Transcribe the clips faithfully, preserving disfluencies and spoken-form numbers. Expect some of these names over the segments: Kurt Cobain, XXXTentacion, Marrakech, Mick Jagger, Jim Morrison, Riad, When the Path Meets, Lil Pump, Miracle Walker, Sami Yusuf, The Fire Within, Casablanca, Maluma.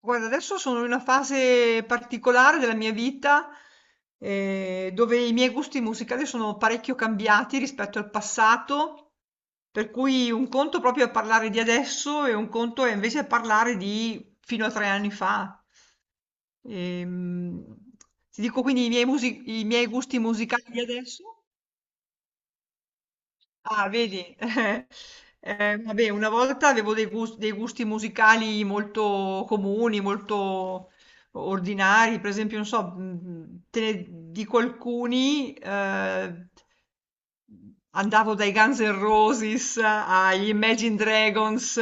Guarda, adesso sono in una fase particolare della mia vita, eh, dove i miei gusti musicali sono parecchio cambiati rispetto al passato, per cui un conto proprio è parlare di adesso e un conto è invece parlare di fino a tre anni fa. Ehm, ti dico quindi i miei, musi- i miei gusti musicali di adesso. Ah, vedi. Eh, vabbè, una volta avevo dei gus- dei gusti musicali molto comuni, molto ordinari. Per esempio, non so, mm, te ne dico alcuni. Eh, andavo dai Guns N' Roses agli Imagine Dragons,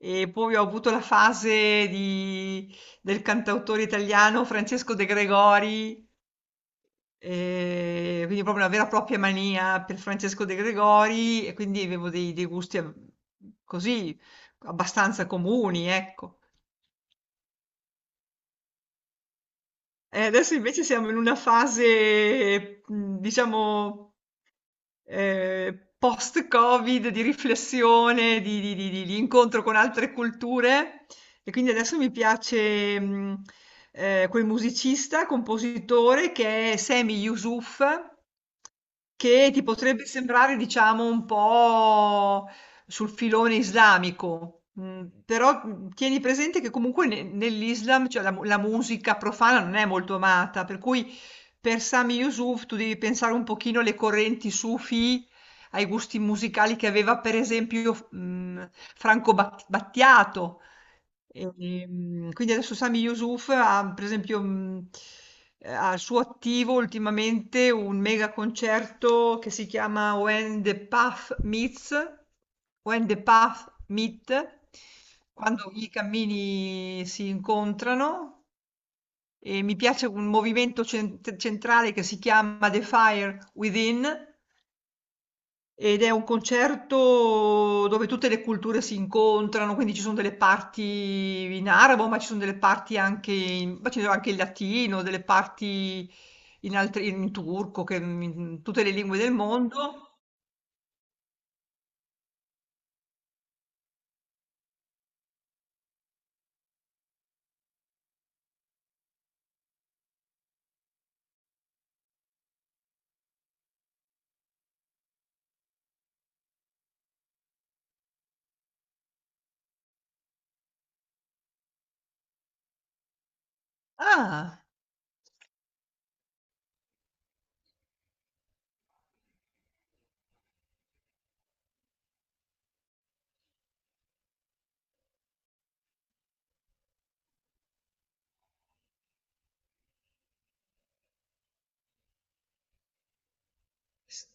e poi ho avuto la fase di- del cantautore italiano Francesco De Gregori. Ehm, quindi proprio una vera e propria mania per Francesco De Gregori, e quindi avevo dei dei gusti ab così, abbastanza comuni, ecco. E adesso invece siamo in una fase, mhmm, diciamo, ehm, post-Covid, di riflessione, di di di di di incontro con altre culture. E quindi adesso mi piace, mhmm, ehm, quel musicista, compositore, che è Sami Yusuf, che ti potrebbe sembrare, diciamo, un po' sul filone islamico, mm, però mm, tieni presente che comunque ne- nell'Islam, cioè la, mu- la musica profana non è molto amata, per cui per Sami Yusuf tu devi pensare un pochino alle correnti sufi, ai gusti musicali che aveva, per esempio, mm, Franco Bat- Battiato. Ehm, quindi adesso Sami Yusuf ha, per esempio, mh, eh, ha al suo attivo ultimamente un mega concerto che si chiama When the Path Meets, When the Path Meet, quando i cammini si incontrano. E mi piace un movimento cent- centrale che si chiama The Fire Within, ed è un concerto dove tutte le culture si incontrano, quindi ci sono delle parti in arabo, ma ci sono delle parti anche in, ma ci sono anche in latino, delle parti in, altri, in turco, che, in tutte le lingue del mondo. Ah, s-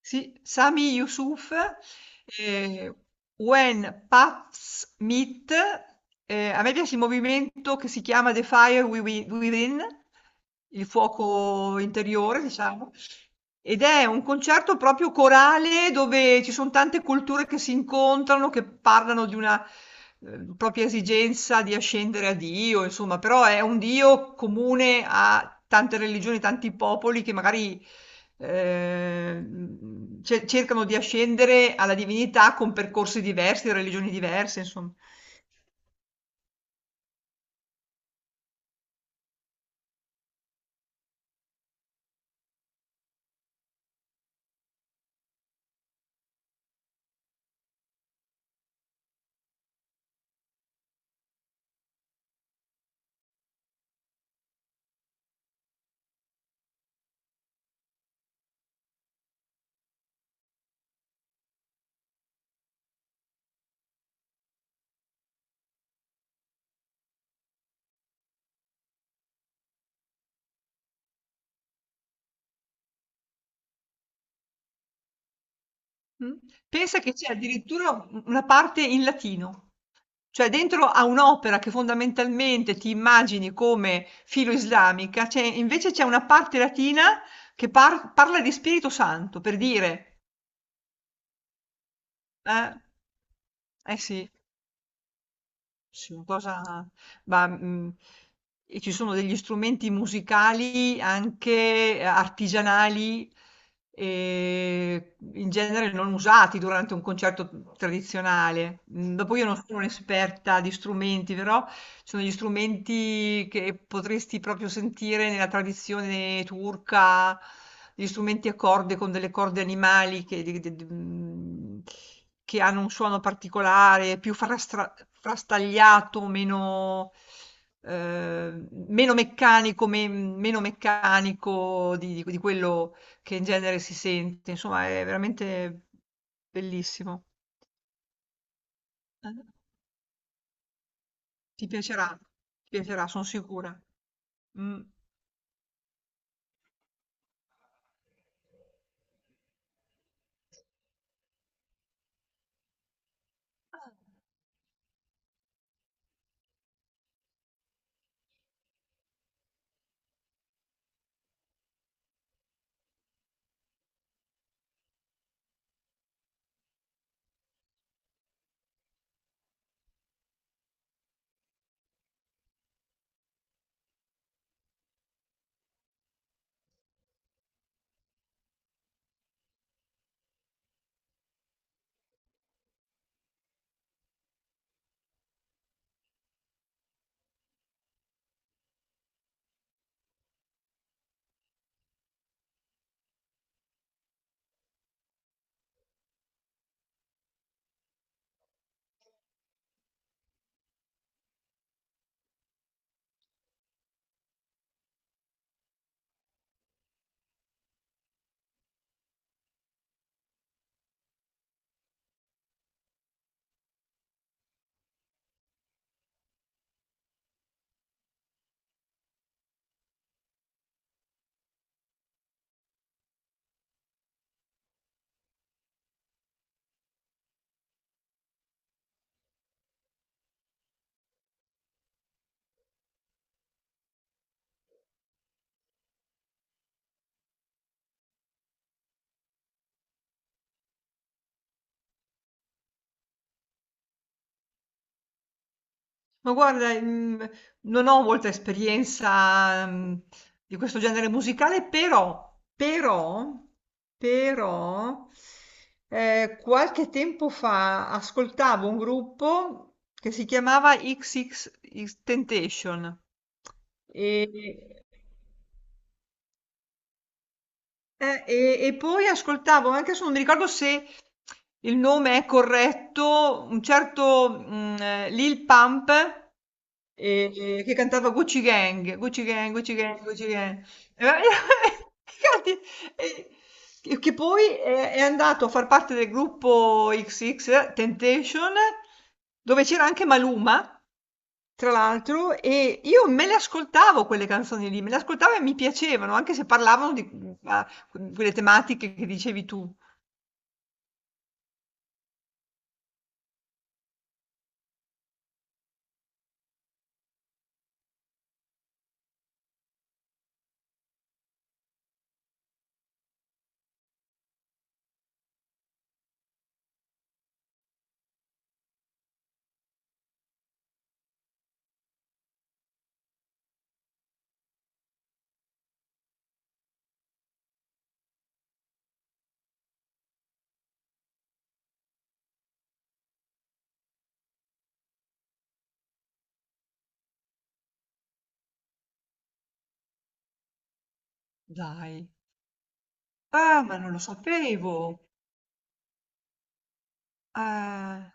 sì, Sami Yusuf, eh, When Paths Meet, eh, a me piace il movimento che si chiama The Fire Within, il fuoco interiore, diciamo. Ed è un concerto proprio corale dove ci son tante culture che si incontrano, che parlano di una, ehm, propria esigenza di ascendere a Dio. Insomma, però è un Dio comune a tante religioni, tanti popoli che magari, ehm, ce cercano di ascendere alla divinità con percorsi diversi, religioni diverse, insomma. Mh. Pensa che c'è addirittura u una parte in latino. Cioè, dentro a un'opera che fondamentalmente ti immagini come filo-islamica, c'è invece c'è una parte latina che par- parla di Spirito Santo, per dire. Eh, eh sì. Sì, una cosa ma, mhmm, e ci sono degli strumenti musicali anche artigianali, ehm, in genere non usati durante un concerto tradizionale. Mhmm, dopo io non sono un'esperta di strumenti, però ci sono degli strumenti che potresti proprio sentire nella tradizione turca, degli strumenti a corde con delle corde animali che di d d mhmm Mhmm, che hanno un suono particolare, più frastra frastagliato, meno ehm, meno meccanico, me meno meccanico di di quello che in genere si sente. Insomma, è veramente bellissimo. Eh, ti piacerà, ti piacerà, son sicura. Mh. Ma guarda, mhmm, non ho molta esperienza, mhmm, di questo genere musicale, però però però, ehm, qualche tempo fa ascoltavo un gruppo che si chiamava XXXTentacion. E eh, e e poi ascoltavo, anche adesso non mi ricordo se il nome è corretto, un certo, mhmm, ehm, Lil Pump, ehm, che cantava Gucci Gang, Gucci Gang, Gucci Gang, Gucci Gang. E va- Infatti, eh, che che poi è è andato a far parte del gruppo X X Temptation, dove c'era anche Maluma. Tra l'altro, e io me le ascoltavo quelle canzoni lì, me le ascoltavo e mi piacevano, anche se parlavano di mhmm, a quelle tematiche che dicevi tu. Dai. Ah, ma non lo sapevo. Ah.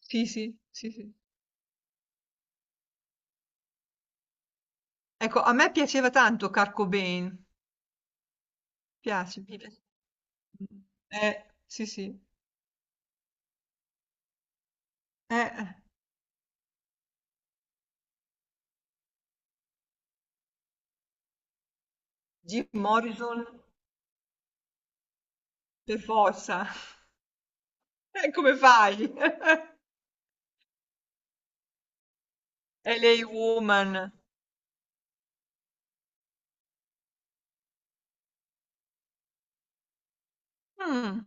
Sì, sì, sì, sì. Ecco, a me piaceva tanto Kurt Cobain. Piace, mi piace. Mh. Eh, sì, sì. Eh, eh. Jim Morrison per forza. Eh, come fai? L A Woman. Mh.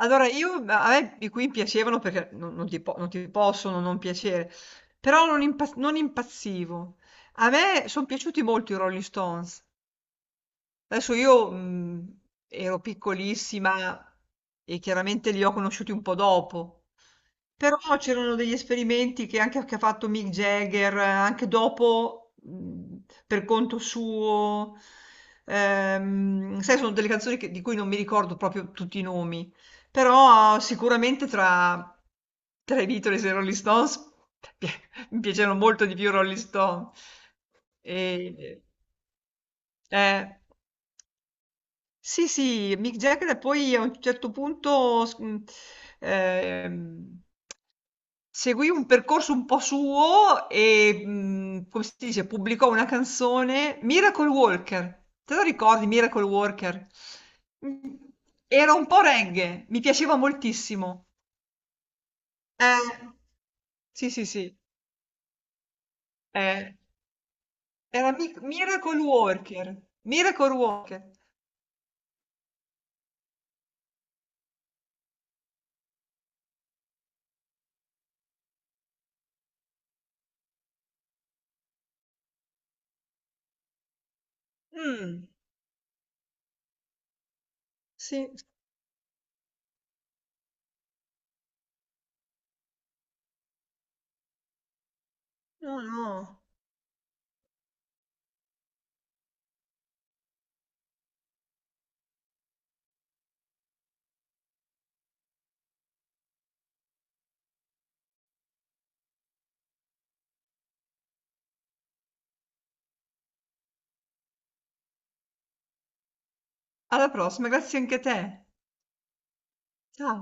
Allora, io ma a me i Queen piacevano, perché non non ti po non ti possono non piacere, però non impa non impazzivo. A me son piaciuti molto i Rolling Stones. Adesso io, mhmm, ero piccolissima, e chiaramente li ho conosciuti un po' dopo. Però c'erano degli esperimenti che anche che ha fatto Mick Jagger, eh, anche dopo, mhmm, per conto suo. Ehm, sai, sono delle canzoni che di cui non mi ricordo proprio tutti i nomi, però sicuramente tra tra i Beatles e i Rolling Stones mi piacevano molto di più i Rolling Stones. E e eh. Sì, sì, Mick Jagger, e poi a un certo punto s mhmm, ehm, seguì un percorso un po' suo e, mhmm, come si dice, pubblicò una canzone, Miracle Walker. Te lo ricordi Miracle Walker? Mh, era un po' reggae, mi piaceva moltissimo. Eh, sì, sì, sì, eh, era Mic Miracle Walker, Miracle Walker. Mh, sì, no, no. Alla prossima, grazie anche a te. Ciao.